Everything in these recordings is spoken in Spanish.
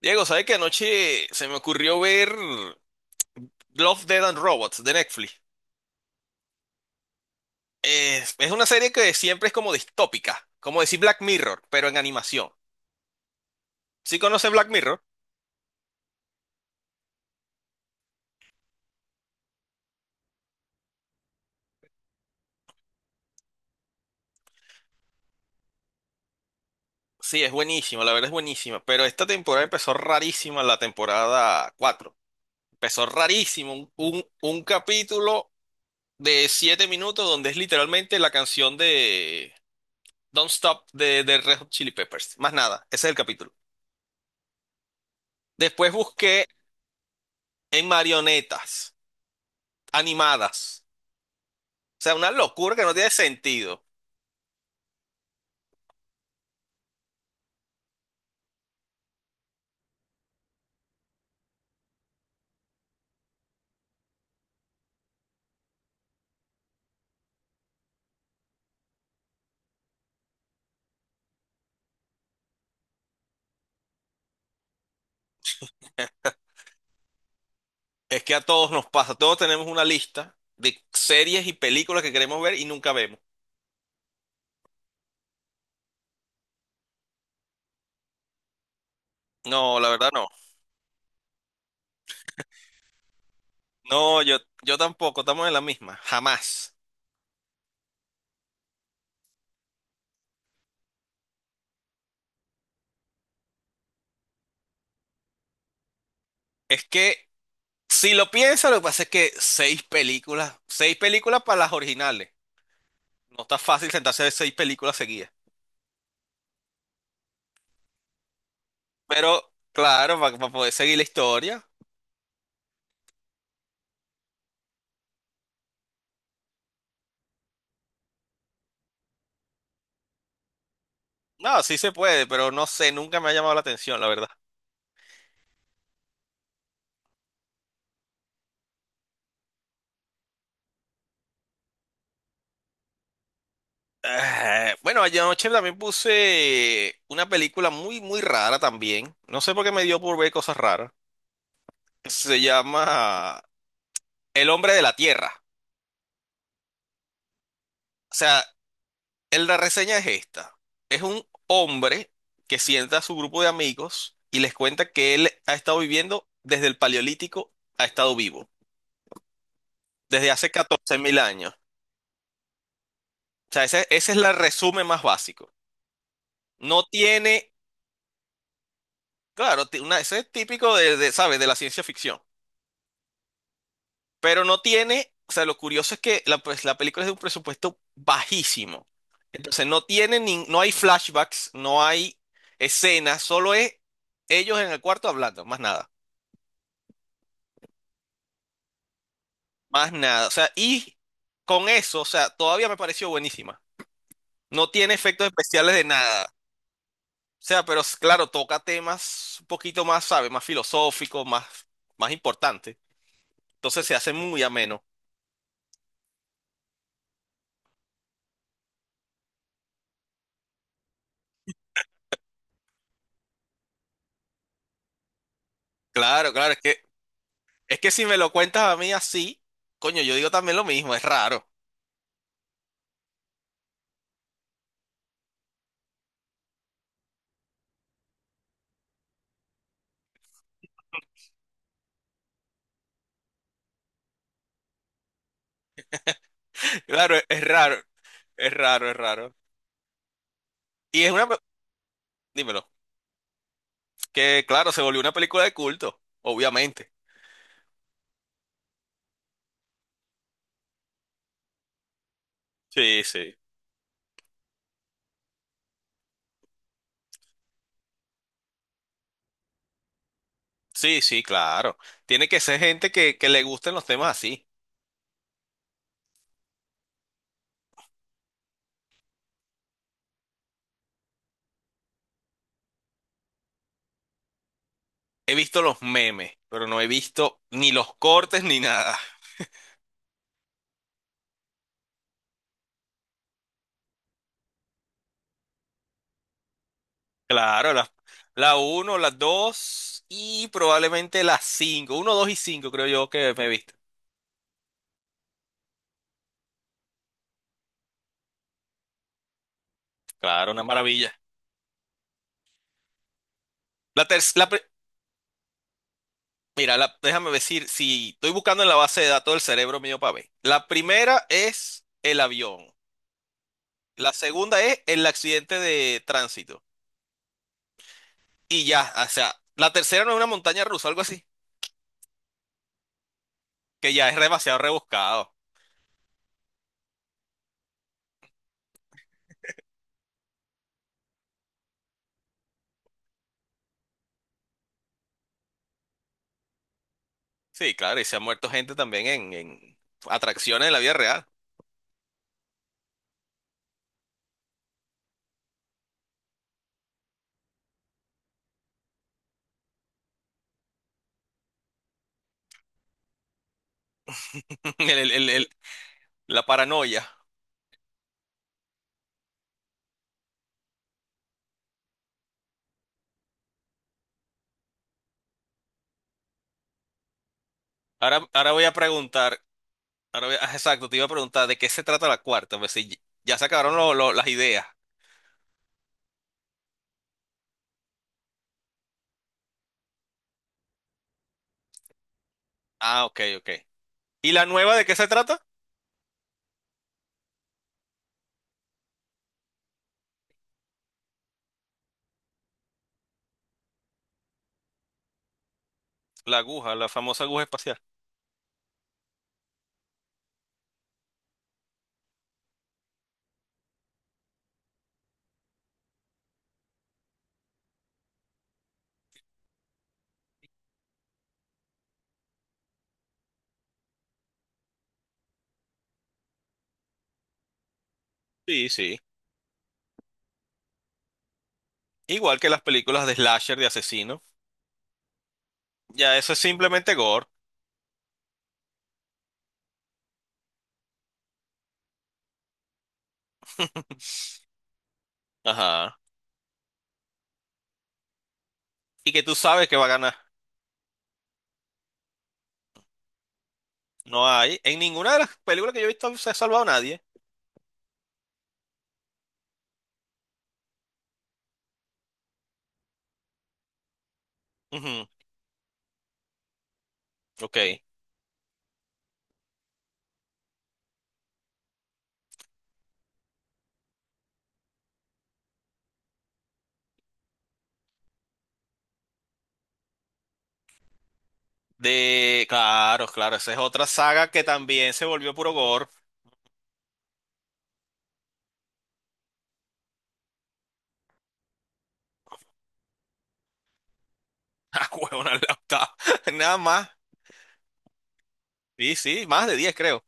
Diego, ¿sabes que anoche se me ocurrió ver Love, Dead and Robots de Netflix? Es una serie que siempre es como distópica, como decir Black Mirror, pero en animación. ¿Sí conoces Black Mirror? Sí, es buenísima, la verdad es buenísima, pero esta temporada empezó rarísima, la temporada 4. Empezó rarísimo, un capítulo de 7 minutos donde es literalmente la canción de Don't Stop de Red Hot Chili Peppers. Más nada, ese es el capítulo. Después busqué en marionetas animadas. O sea, una locura que no tiene sentido. Es que a todos nos pasa, todos tenemos una lista de series y películas que queremos ver y nunca vemos. No, la verdad no. No, yo tampoco, estamos en la misma, jamás. Es que si lo piensas, lo que pasa es que seis películas para las originales. No está fácil sentarse a ver seis películas seguidas. Pero claro, para poder seguir la historia. No, sí se puede, pero no sé, nunca me ha llamado la atención, la verdad. Ah, bueno, anoche también puse una película muy, muy rara también. No sé por qué me dio por ver cosas raras. Se llama El hombre de la Tierra. O sea, la reseña es esta. Es un hombre que sienta a su grupo de amigos y les cuenta que él ha estado viviendo desde el Paleolítico, ha estado vivo, desde hace 14.000 años. O sea, ese es el resumen más básico. No tiene, claro, ese es típico de, ¿sabes? De la ciencia ficción. Pero no tiene, o sea, lo curioso es que la, pues, la película es de un presupuesto bajísimo. Entonces no tiene ni, no hay flashbacks, no hay escenas, solo es ellos en el cuarto hablando, más nada, más nada. O sea, y con eso, o sea, todavía me pareció buenísima. No tiene efectos especiales de nada. O sea, pero claro, toca temas un poquito más, ¿sabes? Más filosóficos, más, más importantes. Entonces se hace muy ameno. Claro, claro, es que si me lo cuentas a mí así, coño, yo digo también lo mismo, es raro. Claro, es raro, es raro, es raro. Y es una, dímelo, que claro, se volvió una película de culto, obviamente. Sí, sí. Sí, sí, claro. Tiene que ser gente que le gusten los temas así. He visto los memes, pero no he visto ni los cortes ni nada. Claro, la uno, las 2 y probablemente las cinco. Uno, dos y 5, creo yo que me he visto. Claro, una maravilla. La, ter- la, Mira, déjame decir, si estoy buscando en la base de datos del cerebro mío para ver. La primera es el avión. La segunda es el accidente de tránsito. Y ya, o sea, la tercera no es una montaña rusa, algo así, que ya es demasiado rebuscado. Sí, claro, y se ha muerto gente también en atracciones de la vida real. El- el- el- el- la paranoia. Ahora, ahora voy a preguntar, ah, exacto, te iba a preguntar de qué se trata la cuarta, pues si ya se acabaron las ideas. Ah, ok, ok. ¿Y la nueva de qué se trata? La aguja, la famosa aguja espacial. Sí, sí. Igual que las películas de slasher de asesino. Ya eso es simplemente gore. Ajá. Y que tú sabes que va a ganar. No hay. En ninguna de las películas que yo he visto se ha salvado nadie. Ujú, ok. De. Claro, claro. Esa es otra saga que también se volvió puro gore. Ah, huevona, la octava. Nada más. Sí, sí, más de 10 creo.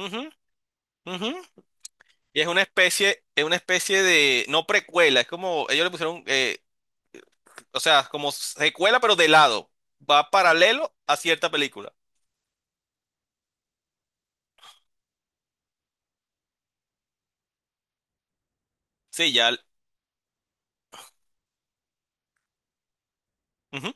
Ujú, ujú. Y es una especie de. No precuela, es como. Ellos le pusieron. O sea, como secuela, pero de lado. Va paralelo a cierta película. Sí, ya. Ujú.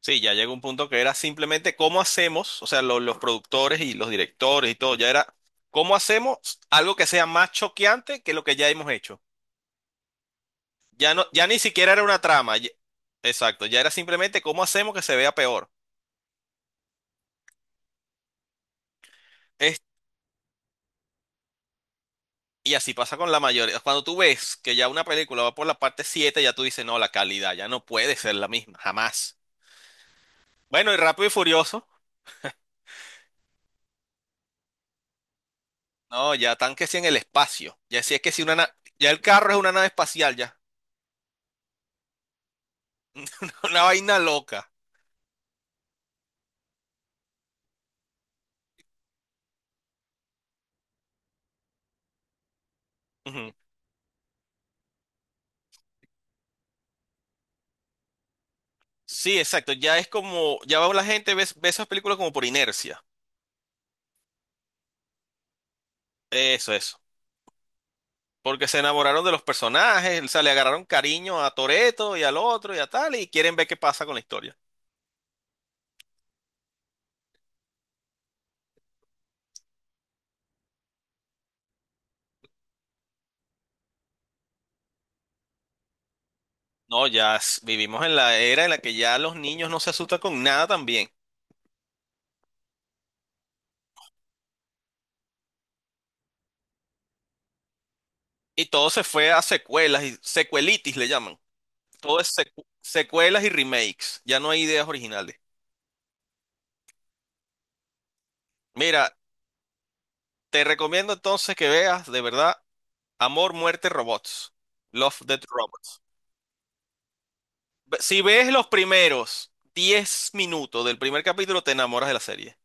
Sí, ya llegó un punto que era simplemente cómo hacemos, o sea, los productores y los directores y todo, ya era cómo hacemos algo que sea más choqueante que lo que ya hemos hecho. Ya no, ya ni siquiera era una trama. Exacto, ya era simplemente cómo hacemos que se vea peor. Es- y así pasa con la mayoría. Cuando tú ves que ya una película va por la parte 7, ya tú dices, no, la calidad ya no puede ser la misma, jamás. Bueno, y Rápido y Furioso. No, ya están que si en el espacio. Ya si es que si ya el carro es una nave espacial, ya. Una vaina loca. Ujú. Sí, exacto. Ya es como, ya va la gente ve, ve esas películas como por inercia. Eso, eso. Porque se enamoraron de los personajes, o sea, le agarraron cariño a Toreto y al otro y a tal, y quieren ver qué pasa con la historia. No, vivimos en la era en la que ya los niños no se asustan con nada también. Y todo se fue a secuelas y secuelitis le llaman. Todo es secuelas y remakes. Ya no hay ideas originales. Mira, te recomiendo entonces que veas de verdad Amor, Muerte, Robots. Love, Death Robots. Si ves los primeros 10 minutos del primer capítulo, te enamoras de la serie,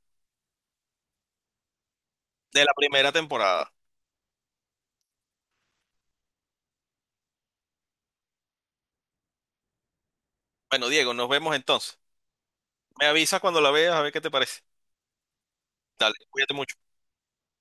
de la primera temporada. Bueno, Diego, nos vemos entonces. Me avisas cuando la veas a ver qué te parece. Dale, cuídate mucho.